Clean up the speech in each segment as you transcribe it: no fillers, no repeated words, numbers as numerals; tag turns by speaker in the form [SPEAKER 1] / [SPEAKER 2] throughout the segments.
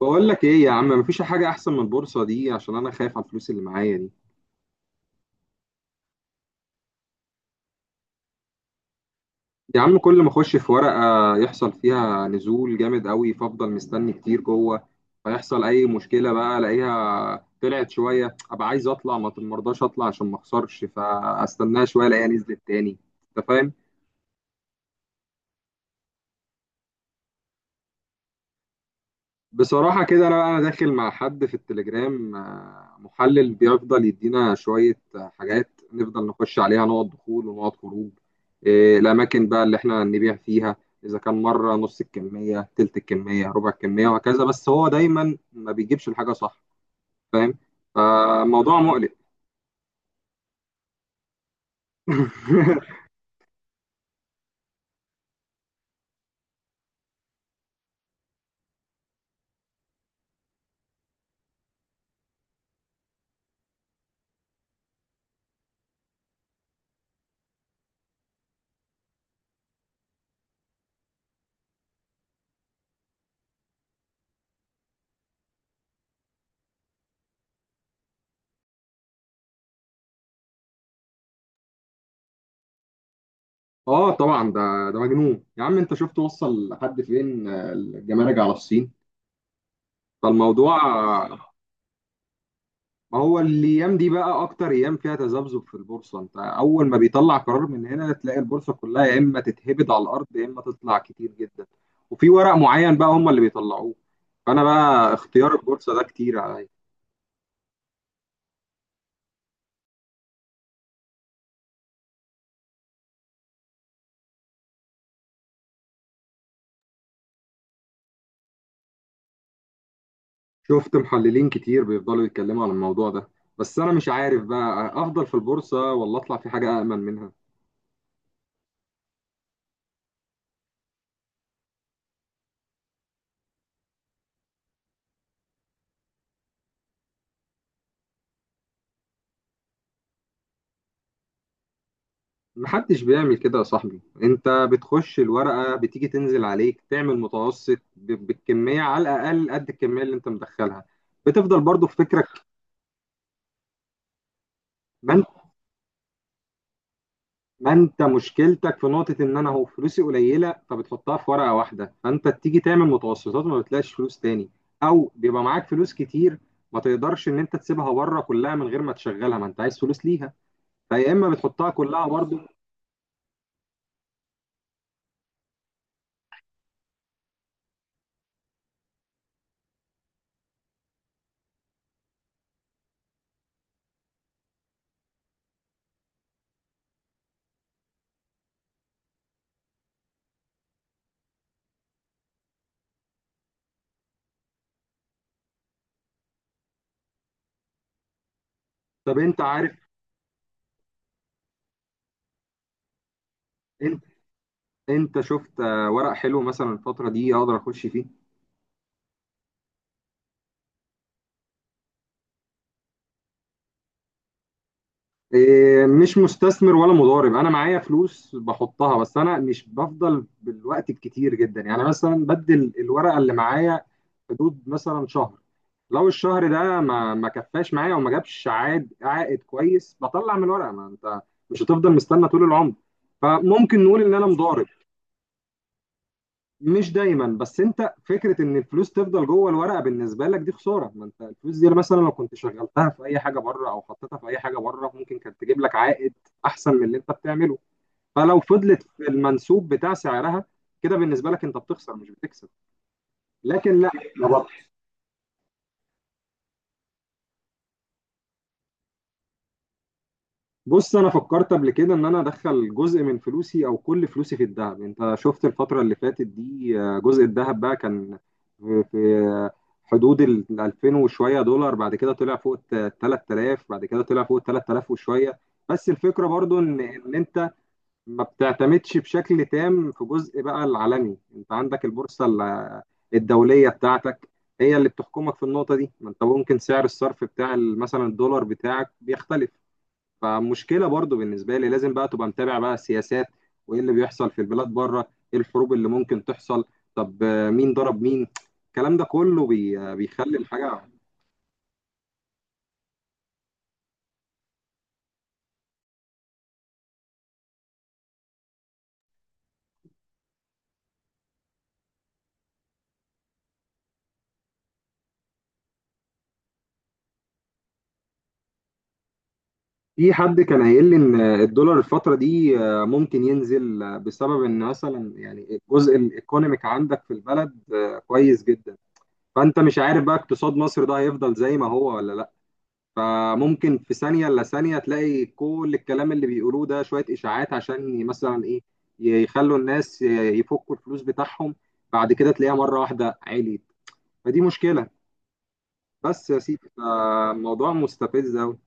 [SPEAKER 1] بقول لك ايه يا عم؟ مفيش حاجة احسن من البورصة دي، عشان انا خايف على الفلوس اللي معايا دي. يا عم كل ما اخش في ورقة يحصل فيها نزول جامد قوي، فافضل مستني كتير جوه. فيحصل اي مشكلة بقى الاقيها طلعت شوية، ابقى عايز اطلع، ما مرضاش اطلع عشان ما اخسرش، فاستناها شوية الاقيها نزلت تاني. انت فاهم؟ بصراحة كده، أنا داخل مع حد في التليجرام، محلل بيفضل يدينا شوية حاجات نفضل نخش عليها، نقط دخول ونقط خروج. الأماكن بقى اللي إحنا نبيع فيها، إذا كان مرة نص الكمية، تلت الكمية، ربع الكمية، وهكذا. بس هو دايما ما بيجيبش الحاجة صح، فاهم. فموضوع مقلق. آه طبعا، ده مجنون يا عم. أنت شفت وصل لحد فين الجمارك على الصين؟ فالموضوع، ما هو الايام دي بقى اكتر ايام فيها تذبذب في البورصه. انت اول ما بيطلع قرار من هنا تلاقي البورصه كلها يا اما تتهبد على الارض يا اما تطلع كتير جدا، وفي ورق معين بقى هم اللي بيطلعوه. فانا بقى اختيار البورصه ده كتير عليا. شفت محللين كتير بيفضلوا يتكلموا عن الموضوع ده، بس انا مش عارف بقى افضل في البورصه ولا اطلع في حاجه امن منها. محدش بيعمل كده يا صاحبي، انت بتخش الورقة بتيجي تنزل عليك، تعمل متوسط بالكمية على الأقل قد الكمية اللي انت مدخلها، بتفضل برضو في فكرك. ما انت ما انت مشكلتك في نقطة ان انا هو فلوسي قليلة، فبتحطها في ورقة واحدة، فانت تيجي تعمل متوسطات وما بتلاقيش فلوس تاني. او بيبقى معاك فلوس كتير، ما تقدرش ان انت تسيبها بره كلها من غير ما تشغلها، ما انت عايز فلوس ليها، فيا اما بتحطها كلها برضو. طب انت عارف، انت انت شفت ورق حلو مثلا الفترة دي اقدر اخش فيه؟ إيه، مش مستثمر ولا مضارب. انا معايا فلوس بحطها، بس انا مش بفضل بالوقت الكتير جدا، يعني مثلا بدل الورقه اللي معايا حدود مثلا شهر، لو الشهر ده ما كفاش معايا وما جابش عائد كويس، بطلع من الورقه. ما انت مش هتفضل مستنى طول العمر، فممكن نقول ان انا مضارب. مش دايما، بس انت فكره ان الفلوس تفضل جوه الورقه بالنسبه لك دي خساره. ما انت الفلوس دي مثلا لو كنت شغلتها في اي حاجه بره، او حطيتها في اي حاجه بره، ممكن كانت تجيب لك عائد احسن من اللي انت بتعمله. فلو فضلت في المنسوب بتاع سعرها كده، بالنسبه لك انت بتخسر مش بتكسب. لكن لا. بص انا فكرت قبل كده ان انا ادخل جزء من فلوسي او كل فلوسي في الذهب. انت شفت الفترة اللي فاتت دي، جزء الذهب بقى كان في حدود ال 2000 وشوية دولار، بعد كده طلع فوق ال 3000، بعد كده طلع فوق ال 3000 وشوية. بس الفكرة برضو ان انت ما بتعتمدش بشكل تام. في جزء بقى العالمي انت عندك البورصة الدولية بتاعتك هي اللي بتحكمك في النقطة دي. ما انت ممكن سعر الصرف بتاع مثلا الدولار بتاعك بيختلف، فمشكله برضو بالنسبه لي لازم بقى تبقى متابع بقى السياسات وايه اللي بيحصل في البلاد بره، ايه الحروب اللي ممكن تحصل، طب مين ضرب مين. الكلام ده كله بي آه، بيخلي الحاجه. في حد كان قايل لي ان الدولار الفتره دي ممكن ينزل، بسبب ان مثلا يعني الجزء الايكونوميك عندك في البلد كويس جدا، فانت مش عارف بقى اقتصاد مصر ده هيفضل زي ما هو ولا لا. فممكن في ثانية إلا ثانية تلاقي كل الكلام اللي بيقولوه ده شوية إشاعات، عشان مثلا إيه، يخلوا الناس يفكوا الفلوس بتاعهم. بعد كده تلاقيها مرة واحدة عليت، فدي مشكلة، بس يا سيدي فالموضوع مستفز أوي.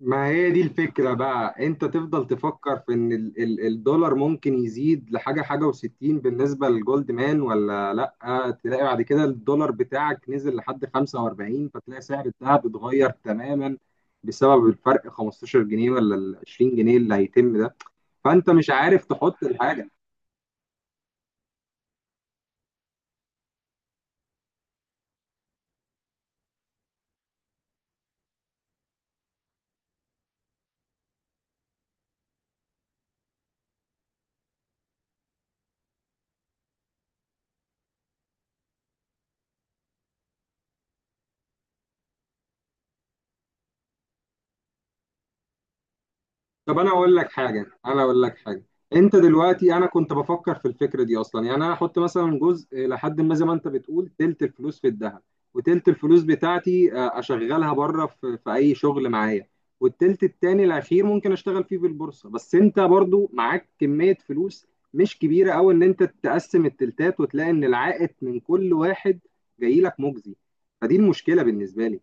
[SPEAKER 1] ما هي دي الفكرة بقى، انت تفضل تفكر في ان ال الدولار ممكن يزيد لحاجة وستين بالنسبة للجولد مان، ولا لأ تلاقي بعد كده الدولار بتاعك نزل لحد 45، فتلاقي سعر الذهب اتغير تماما بسبب الفرق 15 جنيه ولا ال 20 جنيه اللي هيتم ده، فانت مش عارف تحط الحاجة. طب انا اقول لك حاجه. انت دلوقتي، انا كنت بفكر في الفكره دي اصلا، يعني انا هحط مثلا جزء لحد ما زي ما انت بتقول تلت الفلوس في الذهب، وتلت الفلوس بتاعتي اشغلها بره في اي شغل معايا، والتلت التاني الاخير ممكن اشتغل فيه في البورصه. بس انت برضو معاك كميه فلوس مش كبيره قوي ان انت تقسم التلتات وتلاقي ان العائد من كل واحد جاي لك مجزي، فدي المشكله بالنسبه لي.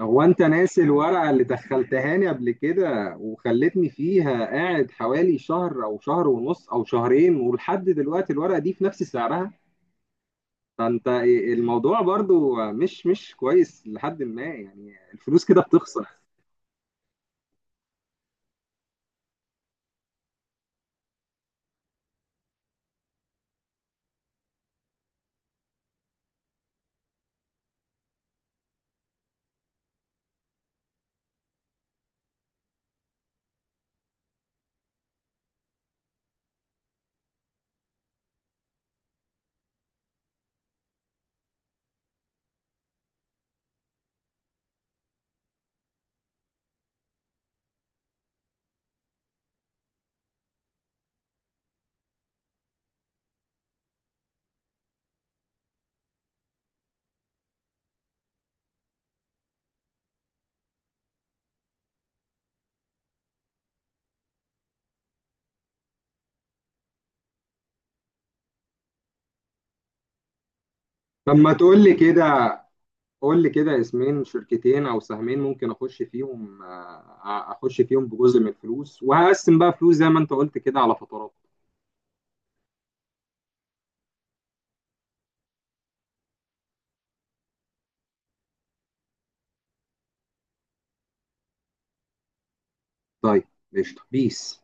[SPEAKER 1] هو انت ناسي الورقة اللي دخلتهاني قبل كده وخلتني فيها قاعد حوالي شهر او شهر ونص او شهرين، ولحد دلوقتي الورقة دي في نفس سعرها. فانت، الموضوع برضو مش كويس، لحد ما يعني الفلوس كده بتخسر. لما تقول لي كده، قول لي كده اسمين شركتين او سهمين ممكن اخش فيهم اخش فيهم بجزء من الفلوس وهقسم بقى فلوس زي ما انت قلت كده على فترات. طيب قشطة بيس.